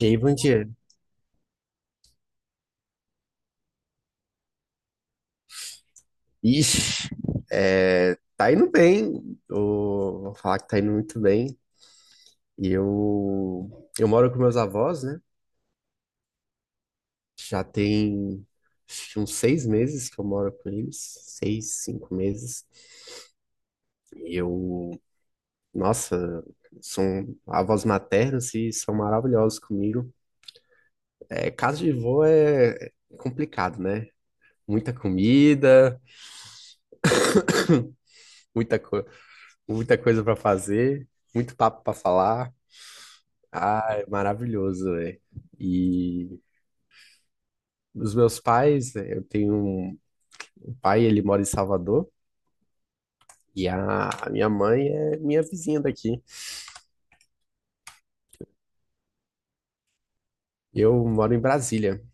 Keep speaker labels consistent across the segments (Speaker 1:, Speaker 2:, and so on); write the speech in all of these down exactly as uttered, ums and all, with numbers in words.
Speaker 1: Jay Vandier. Ixi, é, tá indo bem. O- Vou falar que tá indo muito bem. E eu, eu moro com meus avós, né? Já tem acho que uns seis meses que eu moro com eles. Seis, cinco meses. E eu, nossa, são avós maternos e são maravilhosos comigo. É, casa de vô é é complicado, né? Muita comida, muita, co- muita coisa pra fazer, muito papo pra falar. Ah, é maravilhoso, é. E os meus pais, né, eu tenho um um pai, ele mora em Salvador, e a, a minha mãe é minha vizinha daqui. Eu moro em Brasília.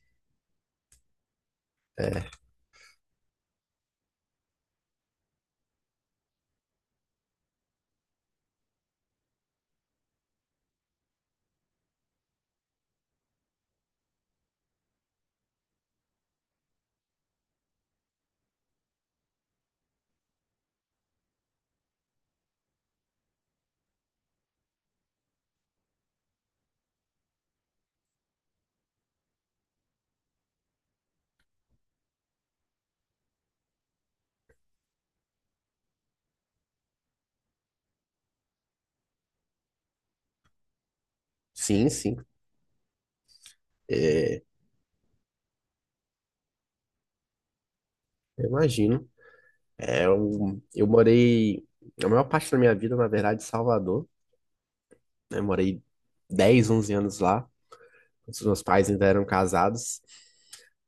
Speaker 1: Sim, sim, é, eu imagino. É, eu, eu morei, a maior parte da minha vida, na verdade, em Salvador. Né? Morei dez, onze anos lá, quando os meus pais ainda eram casados.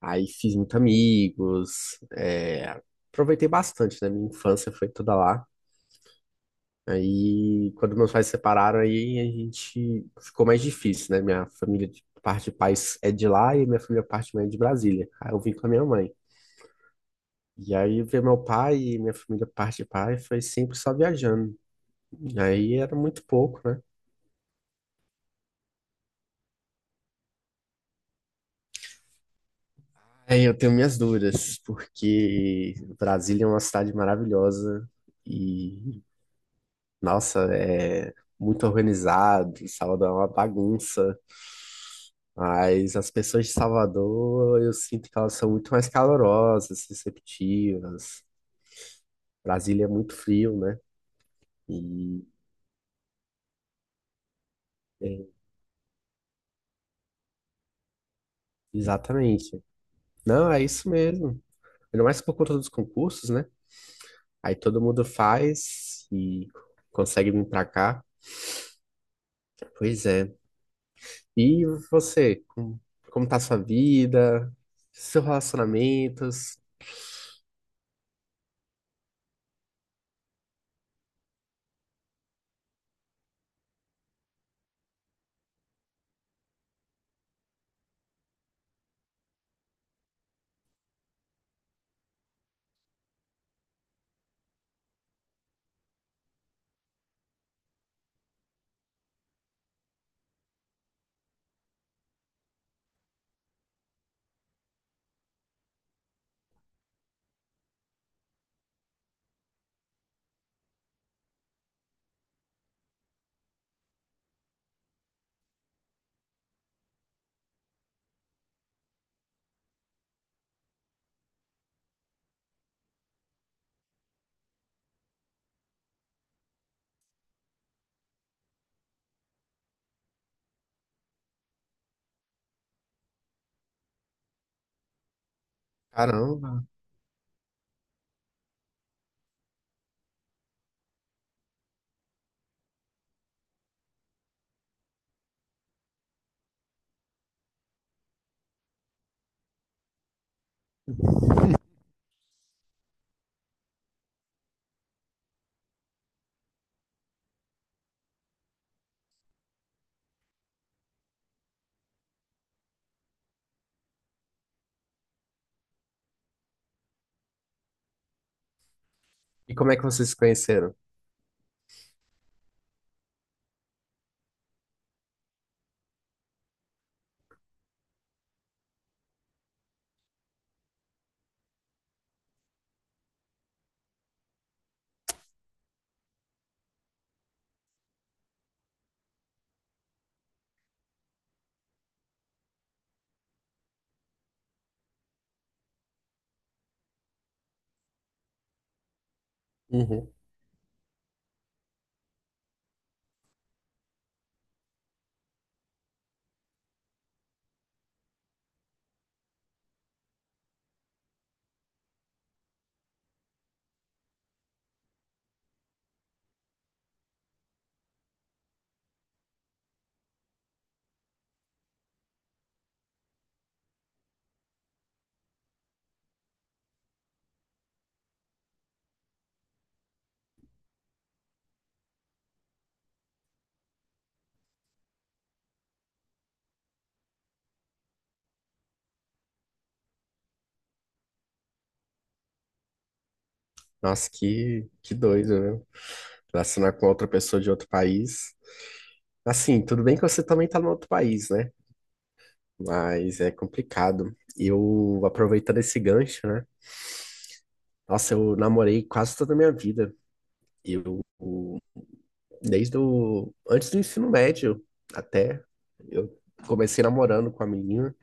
Speaker 1: Aí fiz muitos amigos, é, aproveitei bastante, né? Minha infância foi toda lá. Aí, quando meus pais se separaram, aí a gente ficou mais difícil, né? Minha família de parte de pais é de lá e minha família parte de mãe é de Brasília. Aí eu vim com a minha mãe. E aí ver meu pai e minha família parte de pai foi sempre só viajando. E aí era muito pouco, né? Aí eu tenho minhas dúvidas, porque Brasília é uma cidade maravilhosa e, nossa, é muito organizado. Salvador é uma bagunça. Mas as pessoas de Salvador, eu sinto que elas são muito mais calorosas, receptivas. Brasília é muito frio, né? E é, exatamente. Não, é isso mesmo. Ainda mais por conta dos concursos, né? Aí todo mundo faz e consegue vir pra cá. Pois é. E você, como, como tá a sua vida? Seus relacionamentos? Caramba. E como é que vocês se conheceram? Uhum. Nossa, que, que doido, né? Relacionar com outra pessoa de outro país. Assim, tudo bem que você também tá no outro país, né? Mas é complicado. Eu, aproveitando esse gancho, né? Nossa, eu namorei quase toda a minha vida. Eu, desde o, antes do ensino médio até, eu comecei namorando com a menina.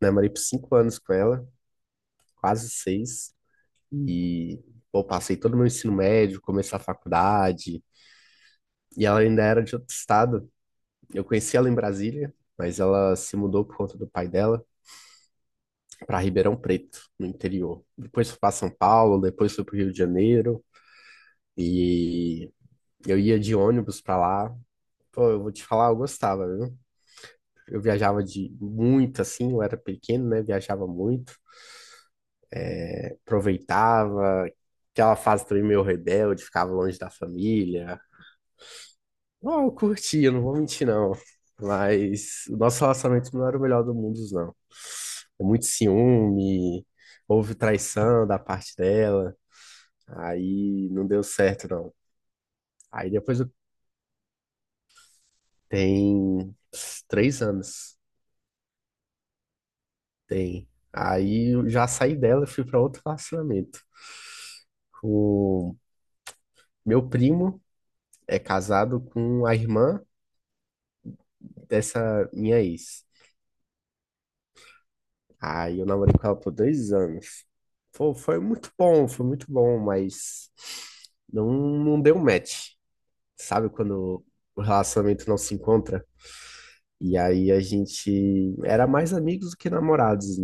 Speaker 1: Namorei por cinco anos com ela, quase seis. E, pô, passei todo o meu ensino médio, comecei a faculdade. E ela ainda era de outro estado. Eu conheci ela em Brasília, mas ela se mudou por conta do pai dela para Ribeirão Preto, no interior. Depois foi para São Paulo, depois foi para o Rio de Janeiro e eu ia de ônibus para lá. Pô, eu vou te falar, eu gostava, viu? Eu viajava de muito assim, eu era pequeno, né? Viajava muito, aproveitava aquela fase também meio rebelde, ficava longe da família. Não, eu curti, eu não vou mentir, não. Mas o nosso relacionamento não era o melhor do mundo, não. Muito ciúme, houve traição da parte dela, aí não deu certo, não. Aí depois eu... tem três anos, tem. Aí eu já saí dela e fui para outro relacionamento. O meu primo é casado com a irmã dessa minha ex. Aí eu namorei com ela por dois anos. Pô, foi muito bom, foi muito bom, mas não, não deu match. Sabe quando o relacionamento não se encontra? E aí a gente era mais amigos do que namorados,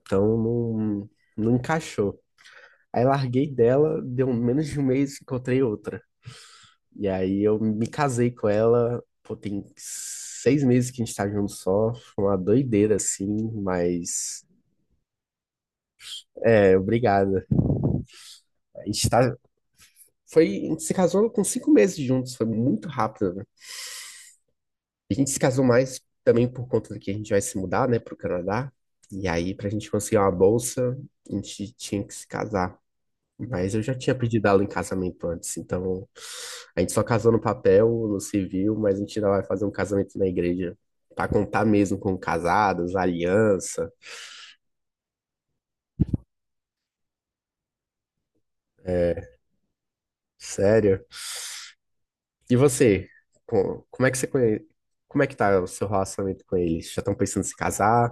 Speaker 1: então não, não encaixou. Aí larguei dela, deu menos de um mês, encontrei outra. E aí eu me casei com ela, pô, tem seis meses que a gente tá junto só, foi uma doideira assim, mas é, obrigado. A gente tá, foi, a gente se casou com cinco meses juntos, foi muito rápido, né? A gente se casou mais também por conta de que a gente vai se mudar, né, pro Canadá. E aí, pra gente conseguir uma bolsa, a gente tinha que se casar. Mas eu já tinha pedido ela em casamento antes, então a gente só casou no papel, no civil, mas a gente ainda vai fazer um casamento na igreja pra contar mesmo com casados, aliança. É, sério. E você? Co- Como é que você conhe... Como é que tá o seu relacionamento com eles? Já estão pensando em se casar?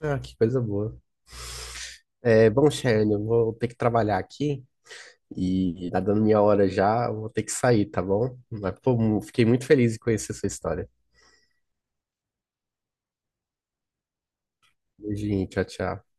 Speaker 1: Ah, que coisa boa. É, bom, Shane, eu vou ter que trabalhar aqui e tá dando minha hora já, eu vou ter que sair, tá bom? Mas, pô, mu- fiquei muito feliz em conhecer sua história. Beijinho, tchau, tchau.